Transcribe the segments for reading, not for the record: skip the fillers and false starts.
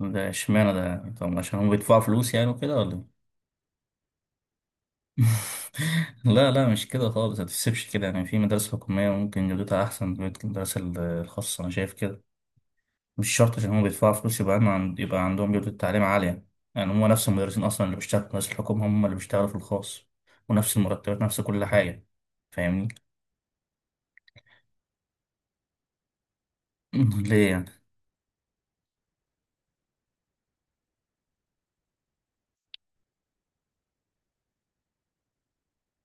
ده اشمعنى ده طب عشان هم بيدفعوا فلوس يعني وكده ولا إيه؟ لا لا مش كده خالص ما تحسبش كده يعني في مدارس حكومية ممكن جودتها أحسن من المدارس الخاصة أنا شايف كده. مش شرط عشان هم بيدفعوا فلوس يبقى عنده عند يبقى عندهم جودة تعليم عالية. يعني هم نفس المدرسين أصلا اللي بيشتغلوا في مدارس الحكومة هم اللي بيشتغلوا في الخاص ونفس المرتبات نفس كل حاجة. فاهمني؟ ليه يعني؟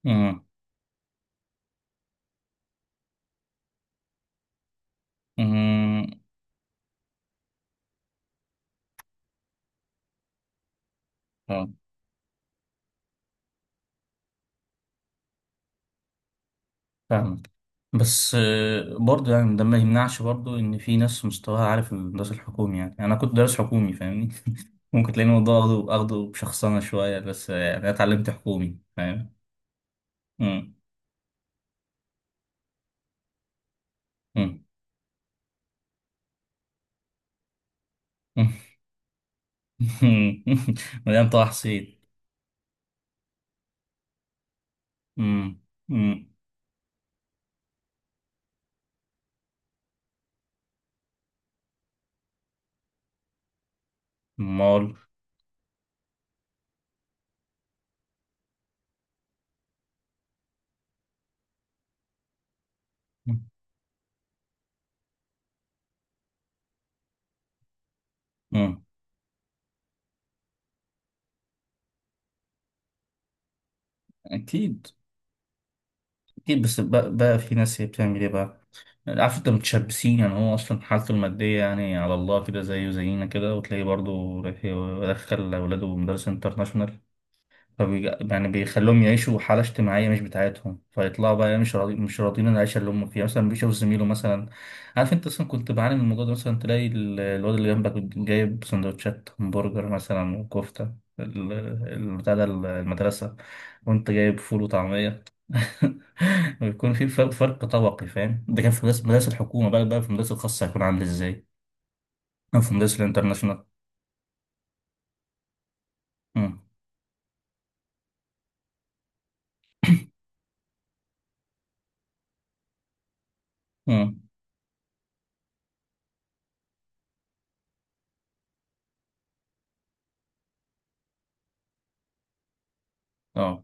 أمم. أمم. آه، فاهمك. بس برضه يعني ده ما يمنعش برضه ان في ناس مستواها عالي في الدراسة الحكومي يعني انا كنت دارس حكومي فاهمني. ممكن تلاقي الموضوع اخده بشخصنة شوية. بس يعني انا اتعلمت حكومي فاهم. مم. مم. مم. مليان طه حسين. مم. مم. مال. مم. اكيد. أكيد بس بقى في ناس هي بتعمل إيه بقى؟ عارف أنت متشبسين، يعني هو أصلا حالته المادية يعني على الله كده زيه زينا كده، وتلاقيه برضه رايح يدخل أولاده مدارس انترناشونال. يعني بيخلوهم يعيشوا حالة اجتماعية مش بتاعتهم، فيطلعوا بقى مش راضيين عن العيشة اللي هم فيها. مثلا بيشوف زميله، مثلا عارف انت اصلا كنت بعاني من الموضوع ده، مثلا تلاقي الواد اللي جنبك جايب سندوتشات همبرجر مثلا وكفتة ال- بتاع ده المدرسة، وانت جايب فول وطعمية. بيكون في فرق طبقي فاهم. ده كان في مدرسة الحكومة، بقى في المدرسة الخاصة هيكون عامل ازاي؟ أو في مدرسة الانترناشونال. مم. مم. اه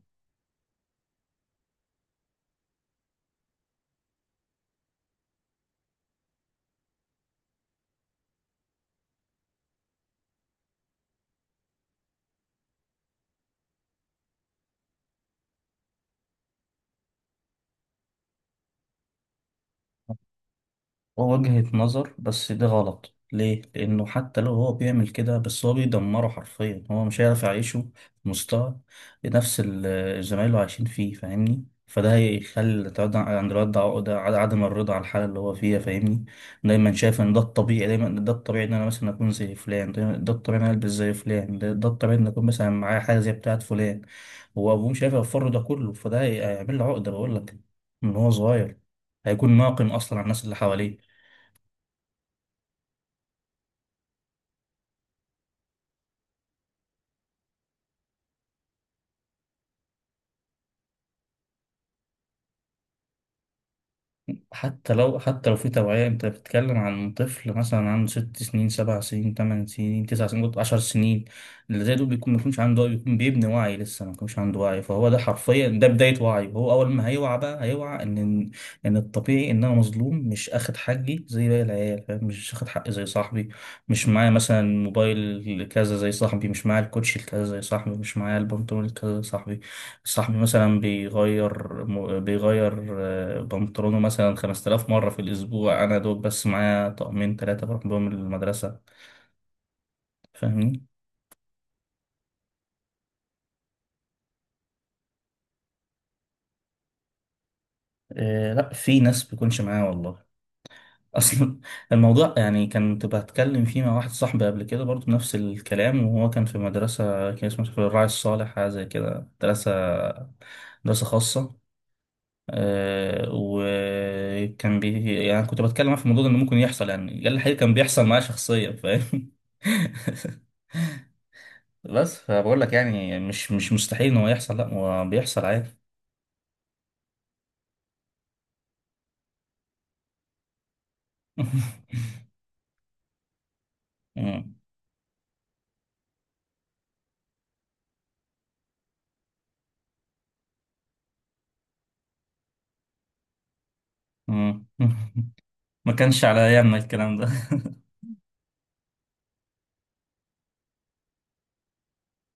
وجهة نظر، بس ده غلط ليه؟ لأنه حتى لو هو بيعمل كده، بس هو بيدمره حرفيا، هو مش هيعرف يعيشه في مستوى نفس زمايله عايشين فيه. فاهمني؟ فده هيخلي تقعد عند الواد عقدة عدم الرضا على الحالة اللي هو فيها. فاهمني؟ دايما شايف إن ده الطبيعي، دايما ده الطبيعي إن أنا مثلا أكون زي فلان، دايما ده الطبيعي إن أنا ألبس زي فلان، ده الطبيعي إن أكون مثلا معايا حاجة زي بتاعة فلان. هو أبوه مش عارف يوفر له ده كله، فده هيعمل له عقدة بقول لك، من هو صغير هيكون ناقم أصلا على الناس اللي حواليه. حتى لو في توعية، انت بتتكلم عن طفل مثلا عنده 6 سنين، 7 سنين، 8 سنين، 9 سنين، ممكن 10 سنين. اللي زي دول بيكون ما بيكونش عنده بيكون بيبني وعي، لسه ما بيكونش عنده وعي، فهو ده حرفيا ده بداية وعي، وهو أول ما هيوعى بقى هيوعى إن الطبيعي إن أنا مظلوم، مش آخد حقي زي باقي العيال فاهم. مش آخد حقي زي صاحبي، مش معايا مثلا موبايل كذا زي صاحبي، مش معايا الكوتشي الكذا زي صاحبي، مش معايا البنطلون الكذا زي صاحبي. صاحبي مثلا بيغير بيغير بنطلونه مثلا 5000 مرة في الأسبوع، أنا دوب بس معايا طقمين تلاتة بروح بيهم المدرسة. فاهمني؟ آه لأ في ناس بيكونش معايا والله. أصلا الموضوع، يعني كنت بتكلم فيه مع واحد صاحبي قبل كده برضه نفس الكلام، وهو كان في مدرسة كان اسمها في الراعي الصالح حاجة زي كده، مدرسة خاصة. وكان يعني كنت بتكلم في الموضوع ده انه ممكن يحصل، يعني قال لي الحقيقة كان بيحصل معايا شخصيا فاهم. بس فبقول لك يعني مش مستحيل ان هو يحصل، لا هو بيحصل عادي. مم. مم. ما كانش على ايامنا الكلام ده.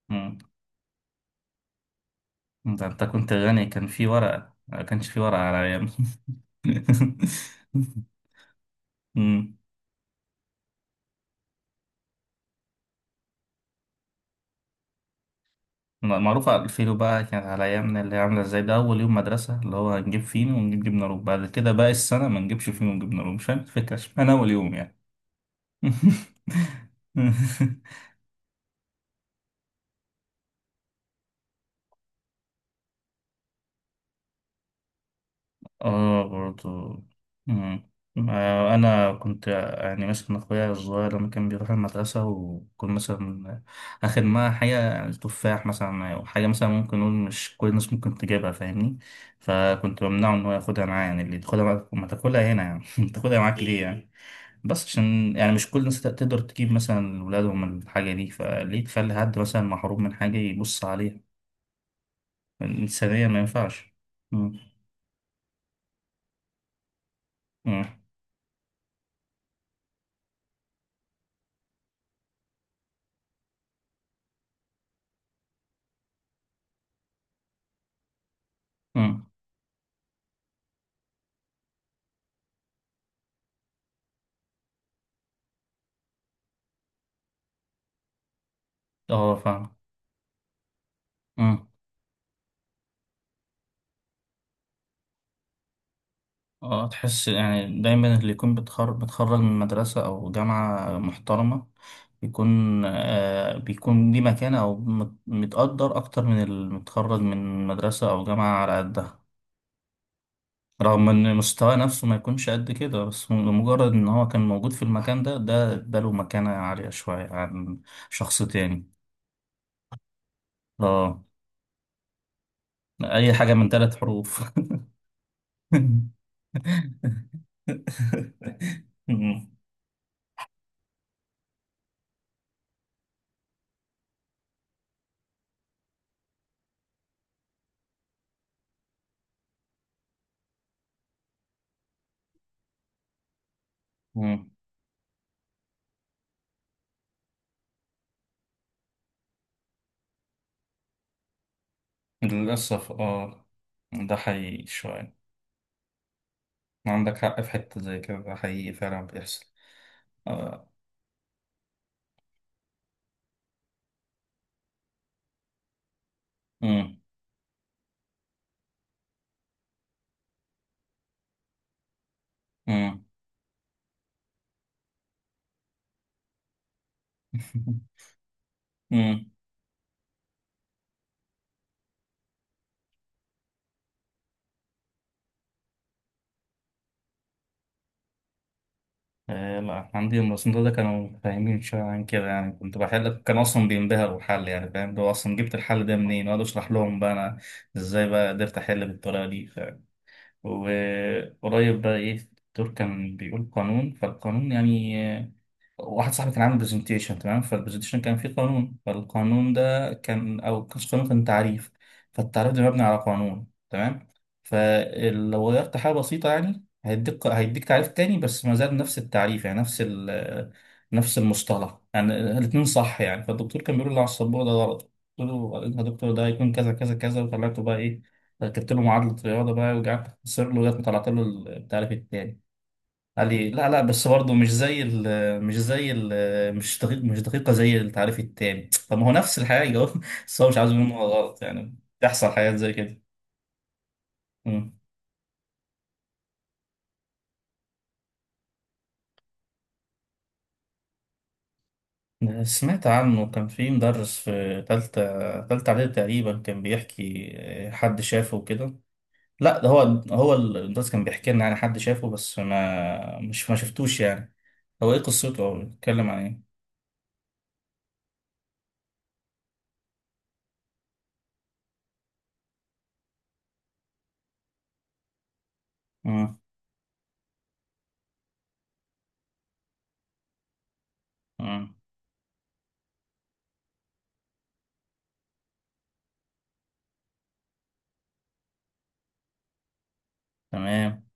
مم. ده انت كنت غني، كان في ورقة. ما كانش في ورقة على ايامي. معروف على الفينو بقى، كانت على أيامنا اللي هي عاملة ازاي ده؟ أول يوم مدرسة اللي هو هنجيب فينو ونجيب جبنة روب، بعد كده بقى السنة ما نجيبش فينو ونجيب جبنة روب، مش فاهم الفكرة اشمعنى أول يوم يعني. اه برضو. مم. آه، أنا كنت، يعني مثلا أخويا الصغير لما كان بيروح المدرسة وكنت مثلا آخد معاه حاجة يعني تفاح مثلا أو حاجة مثلا، ممكن نقول مش كل الناس ممكن تجيبها فاهمني. فكنت بمنعه إن هو ياخدها معاه، يعني اللي تاخدها معاك ما تاكلها هنا يعني، تاخدها معاك ليه يعني؟ بس عشان يعني مش كل الناس تقدر تجيب مثلا ولادهم من الحاجة دي، فليه تخلي حد مثلا محروم من حاجة يبص عليها؟ إنسانيا ما ينفعش. مم. مم. مم. اه فاهم. مم. اه تحس يعني دايما اللي يكون بتخرج من مدرسة أو جامعة محترمة بيكون، ليه مكانة، أو متقدر أكتر من اللي متخرج من مدرسة أو جامعة على قدها. رغم ان مستواه نفسه ما يكونش قد كده، بس مجرد ان هو كان موجود في المكان ده، ده اداله مكانة عالية شوية عن شخص تاني. اه، اي حاجة من 3 حروف. مم. مم. للأسف اه. ده حقيقي شوية، عندك حق. في حتة زي كده ده حقيقي فعلا بيحصل. آه. مم. مم. مم. آه، لا عندي المصنف ده كانوا فاهمين شوية عن كده يعني، كنت بحل كان أصلا بينبهروا بالحل يعني فاهم؟ هو أصلا جبت الحل ده منين؟ وأقعد أشرح لهم بقى أنا إزاي بقى قدرت أحل بالطريقة دي، وقريب بقى إيه، الدكتور كان بيقول قانون، فالقانون يعني واحد صاحبي كان عامل برزنتيشن تمام، فالبرزنتيشن كان فيه قانون، فالقانون ده كان او كانش قانون، كان تعريف، فالتعريف ده مبني على قانون تمام. فلو غيرت حاجة بسيطة يعني هيديك تعريف تاني، بس ما زال نفس التعريف، يعني نفس المصطلح يعني، الاتنين صح يعني. فالدكتور كان بيقول لي على السبورة ده غلط. قلت له انت يا دكتور ده هيكون كذا كذا كذا، وطلعته بقى ايه، ركبت له معادلة رياضة بقى وقعدت اخسر له لغاية ما طلعت له التعريف التاني. علي لا لا، بس برضه مش زي ال مش زي ال مش دقيق مش دقيقة زي التعريف التاني، طب ما هو نفس الحاجة. بس هو مش عايز منه غلط، يعني تحصل حاجات زي كده. مم. سمعت عنه، كان في مدرس في تالتة إعدادي تقريبا كان بيحكي، حد شافه وكده. لا ده هو، هو المدرس كان بيحكي لنا يعني، حد شافه بس ما شفتوش يعني. هو ايه قصته؟ هو بيتكلم عن ايه؟ مم. مم. تمام.